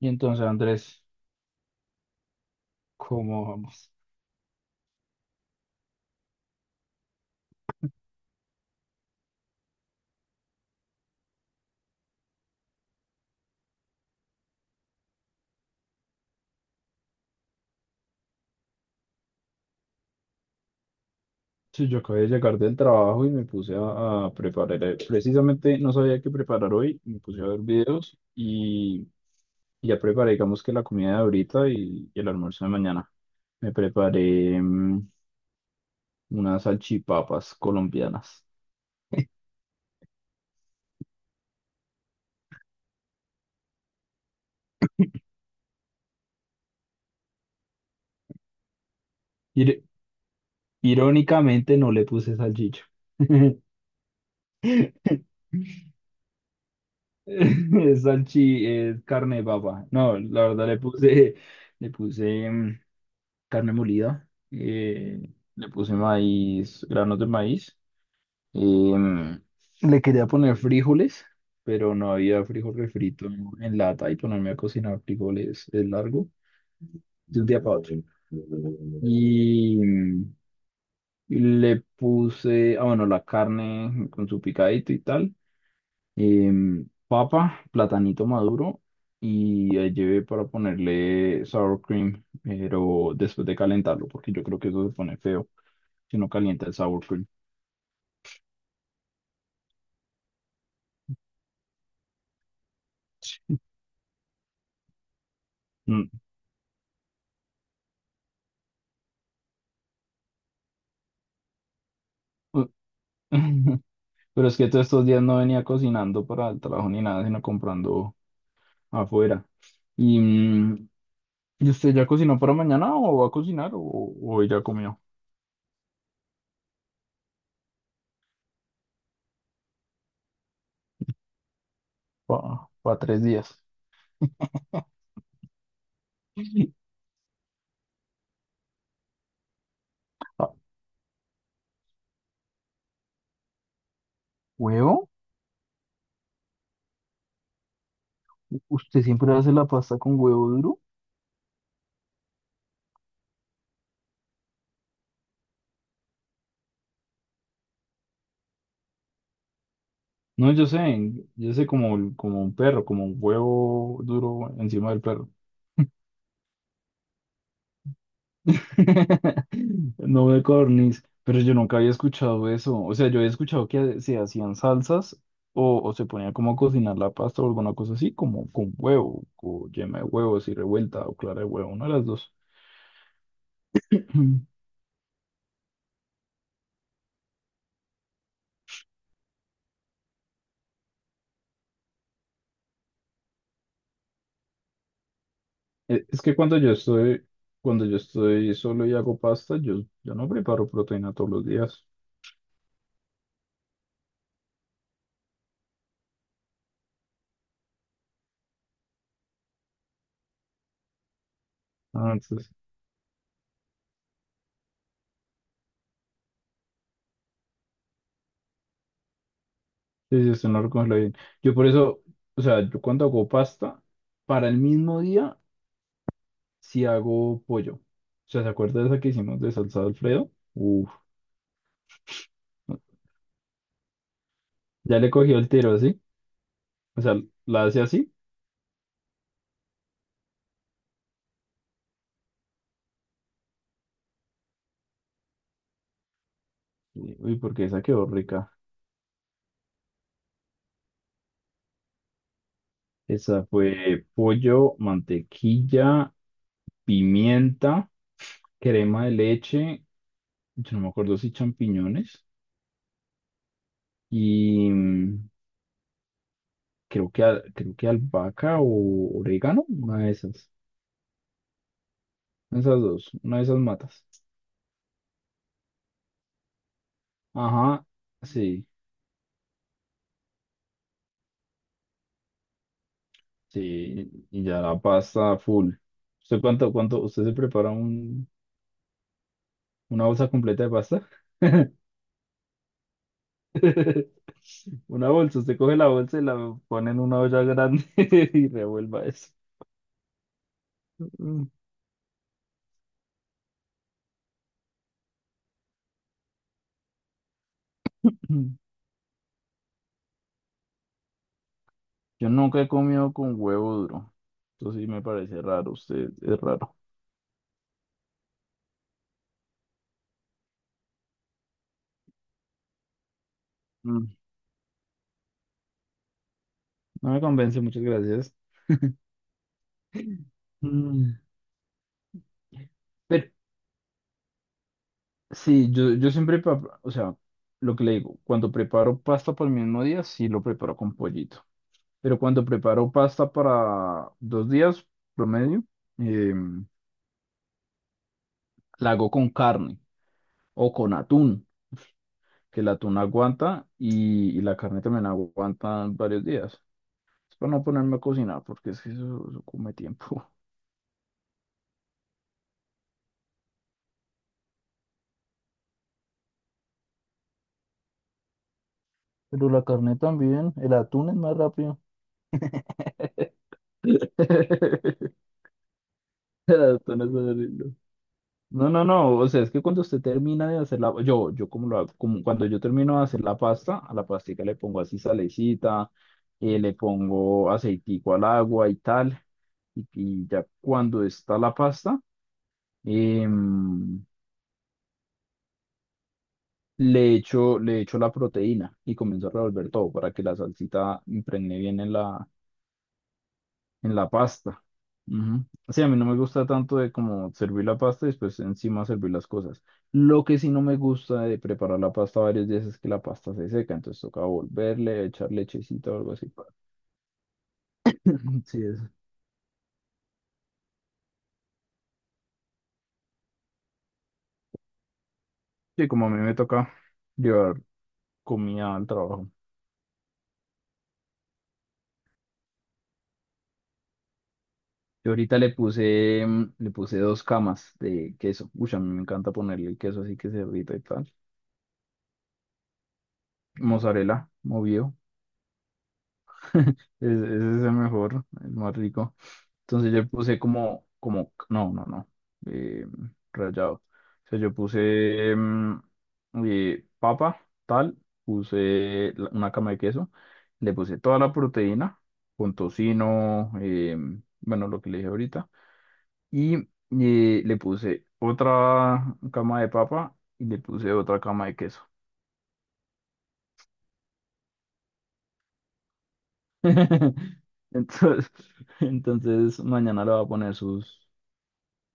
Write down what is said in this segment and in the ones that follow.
Y entonces, Andrés, ¿cómo vamos? Sí, yo acabé de llegar del trabajo y me puse a preparar. Precisamente no sabía qué preparar hoy, me puse a ver videos y ya preparé, digamos que la comida de ahorita y el almuerzo de mañana. Me preparé unas salchipapas colombianas. Ir- irónicamente no le puse salchicha. Es es carne de papa. No, la verdad le puse. Carne molida, le puse maíz, granos de maíz, em, le quería poner frijoles, pero no había frijol refrito en lata y ponerme a cocinar frijoles es largo de un día para otro. Y, em, y le puse, ah, bueno, la carne con su picadito y tal, papa, platanito maduro. Y ahí llevé para ponerle sour cream, pero después de calentarlo, porque yo creo que eso se pone feo. Que no calienta el sour cream. Mm. Pero es que todos estos días no venía cocinando para el trabajo ni nada, sino comprando afuera. ¿Y, mm, ¿Y usted ya cocinó para mañana o va a cocinar o hoy ya comió? Para tres días. Ah, ¿Huevo? ¿Usted siempre hace la pasta con huevo duro? No, yo sé como, como un perro, como un huevo duro encima del perro. No de cornis, pero yo nunca había escuchado eso. O sea, yo había escuchado que se hacían salsas o se ponía como a cocinar la pasta o alguna cosa así, como con huevo, o yema de huevo, así revuelta o clara de huevo, una de las dos. Es que cuando yo estoy solo y hago pasta, yo no preparo proteína todos los días. Ah, entonces, sí, sí, usted no lo coge bien. Yo por eso, o sea, yo cuando hago pasta, para el mismo día si hago pollo. O sea, ¿se acuerda de esa que hicimos de salsa de Alfredo? Uf, ya le cogió el tiro así. O sea, la hace así. Uy, uy, porque esa quedó rica. Esa fue pollo, mantequilla, pimienta, crema de leche. Yo no me acuerdo si champiñones. Y mm, creo que, creo que albahaca o orégano. Una de esas. Esas dos. Una de esas matas. Ajá, sí. Sí, y ya la pasta full. ¿ usted se prepara una bolsa completa de pasta? Una bolsa, usted coge la bolsa y la pone en una olla grande y revuelva eso. Mm. Yo nunca he comido con huevo duro. Eso sí me parece raro, usted es raro. Mm, no me convence, muchas gracias. Mm, pero sí, yo siempre, o sea, lo que le digo, cuando preparo pasta para el mismo día, sí lo preparo con pollito. Pero cuando preparo pasta para dos días promedio, eh, la hago con carne o con atún, que el atún aguanta y la carne también aguanta varios días. Es para no ponerme a cocinar, porque es que eso come tiempo. Pero la carne también, el atún es más rápido. El atún es horrible. No, no, no, o sea, es que cuando usted termina de hacer la, yo como lo hago, como cuando yo termino de hacer la pasta, a la pastica le pongo así salecita, le pongo aceitico al agua y tal, y ya cuando está la pasta, em, le echo la proteína y comienzo a revolver todo para que la salsita impregne bien en la pasta. Ujú. Sí, a mí no me gusta tanto de como servir la pasta y después encima servir las cosas. Lo que sí no me gusta de preparar la pasta varios días es que la pasta se seca, entonces toca volverle, echar lechecita o algo así. Sí, es. Sí, como a mí me toca llevar comida al trabajo. Yo ahorita le puse dos camas de queso. Uy, a mí me encanta ponerle el queso así que se derrita y tal. Mozzarella, movido. Ese es el mejor, el más rico. Entonces yo puse como, como, no, no, no, eh, rayado. O sea, yo puse papa, tal, puse una cama de queso, le puse toda la proteína, con tocino, bueno, lo que le dije ahorita, y le puse otra cama de papa y le puse otra cama de queso. Entonces, entonces mañana le voy a poner sus...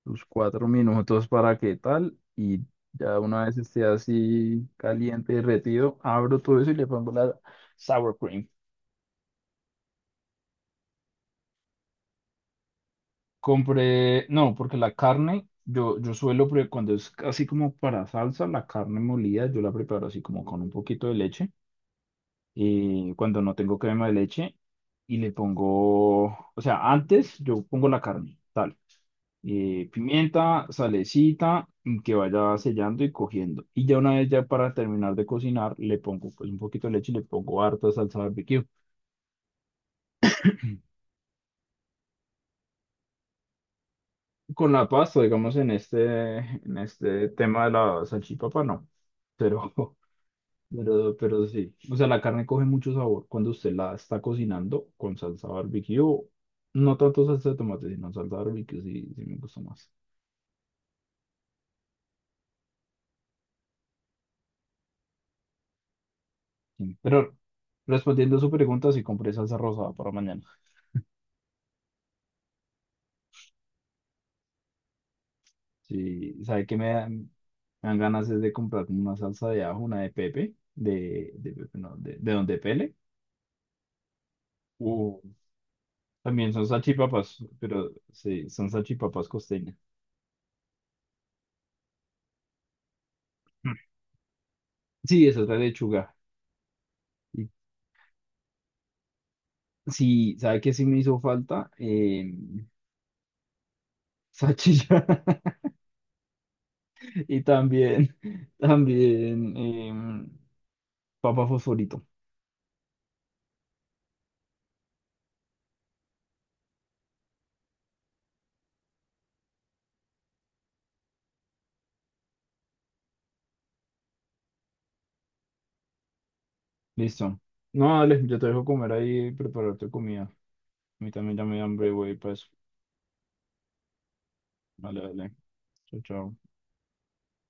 Tus 4 minutos para qué tal, y ya una vez esté así caliente, derretido, abro todo eso y le pongo la sour cream. Compré, no, porque la carne, yo suelo, cuando es así como para salsa, la carne molida, yo la preparo así como con un poquito de leche. Eh, cuando no tengo crema de leche y le pongo, o sea, antes yo pongo la carne, tal, pimienta, salecita, y que vaya sellando y cogiendo. Y ya una vez ya para terminar de cocinar, le pongo pues un poquito de leche y le pongo harta salsa barbecue. Con la pasta, digamos, en en este tema de la salchipapa, no. Pero, pero sí. O sea, la carne coge mucho sabor cuando usted la está cocinando con salsa barbecue. No tanto salsa de tomate, sino salsa barbecue, sí, sí me gusta más. Sí. Pero respondiendo a su pregunta, sí compré salsa rosada para mañana. Sí, ¿sabe que me dan ganas es de comprar una salsa de ajo, una de Pepe, de Pepe, no, de Don Pele. También son salchipapas, pero sí, son salchipapas costeñas. Mm. Sí, esa es la lechuga. Y sí, ¿sabe qué sí me hizo falta? Em, salchicha. Y también, también em, papa fosforito. Listo. No, dale, yo te dejo comer ahí y preparar tu comida. A mí también ya me da hambre, güey, pues. Vale, dale. Chao, chao.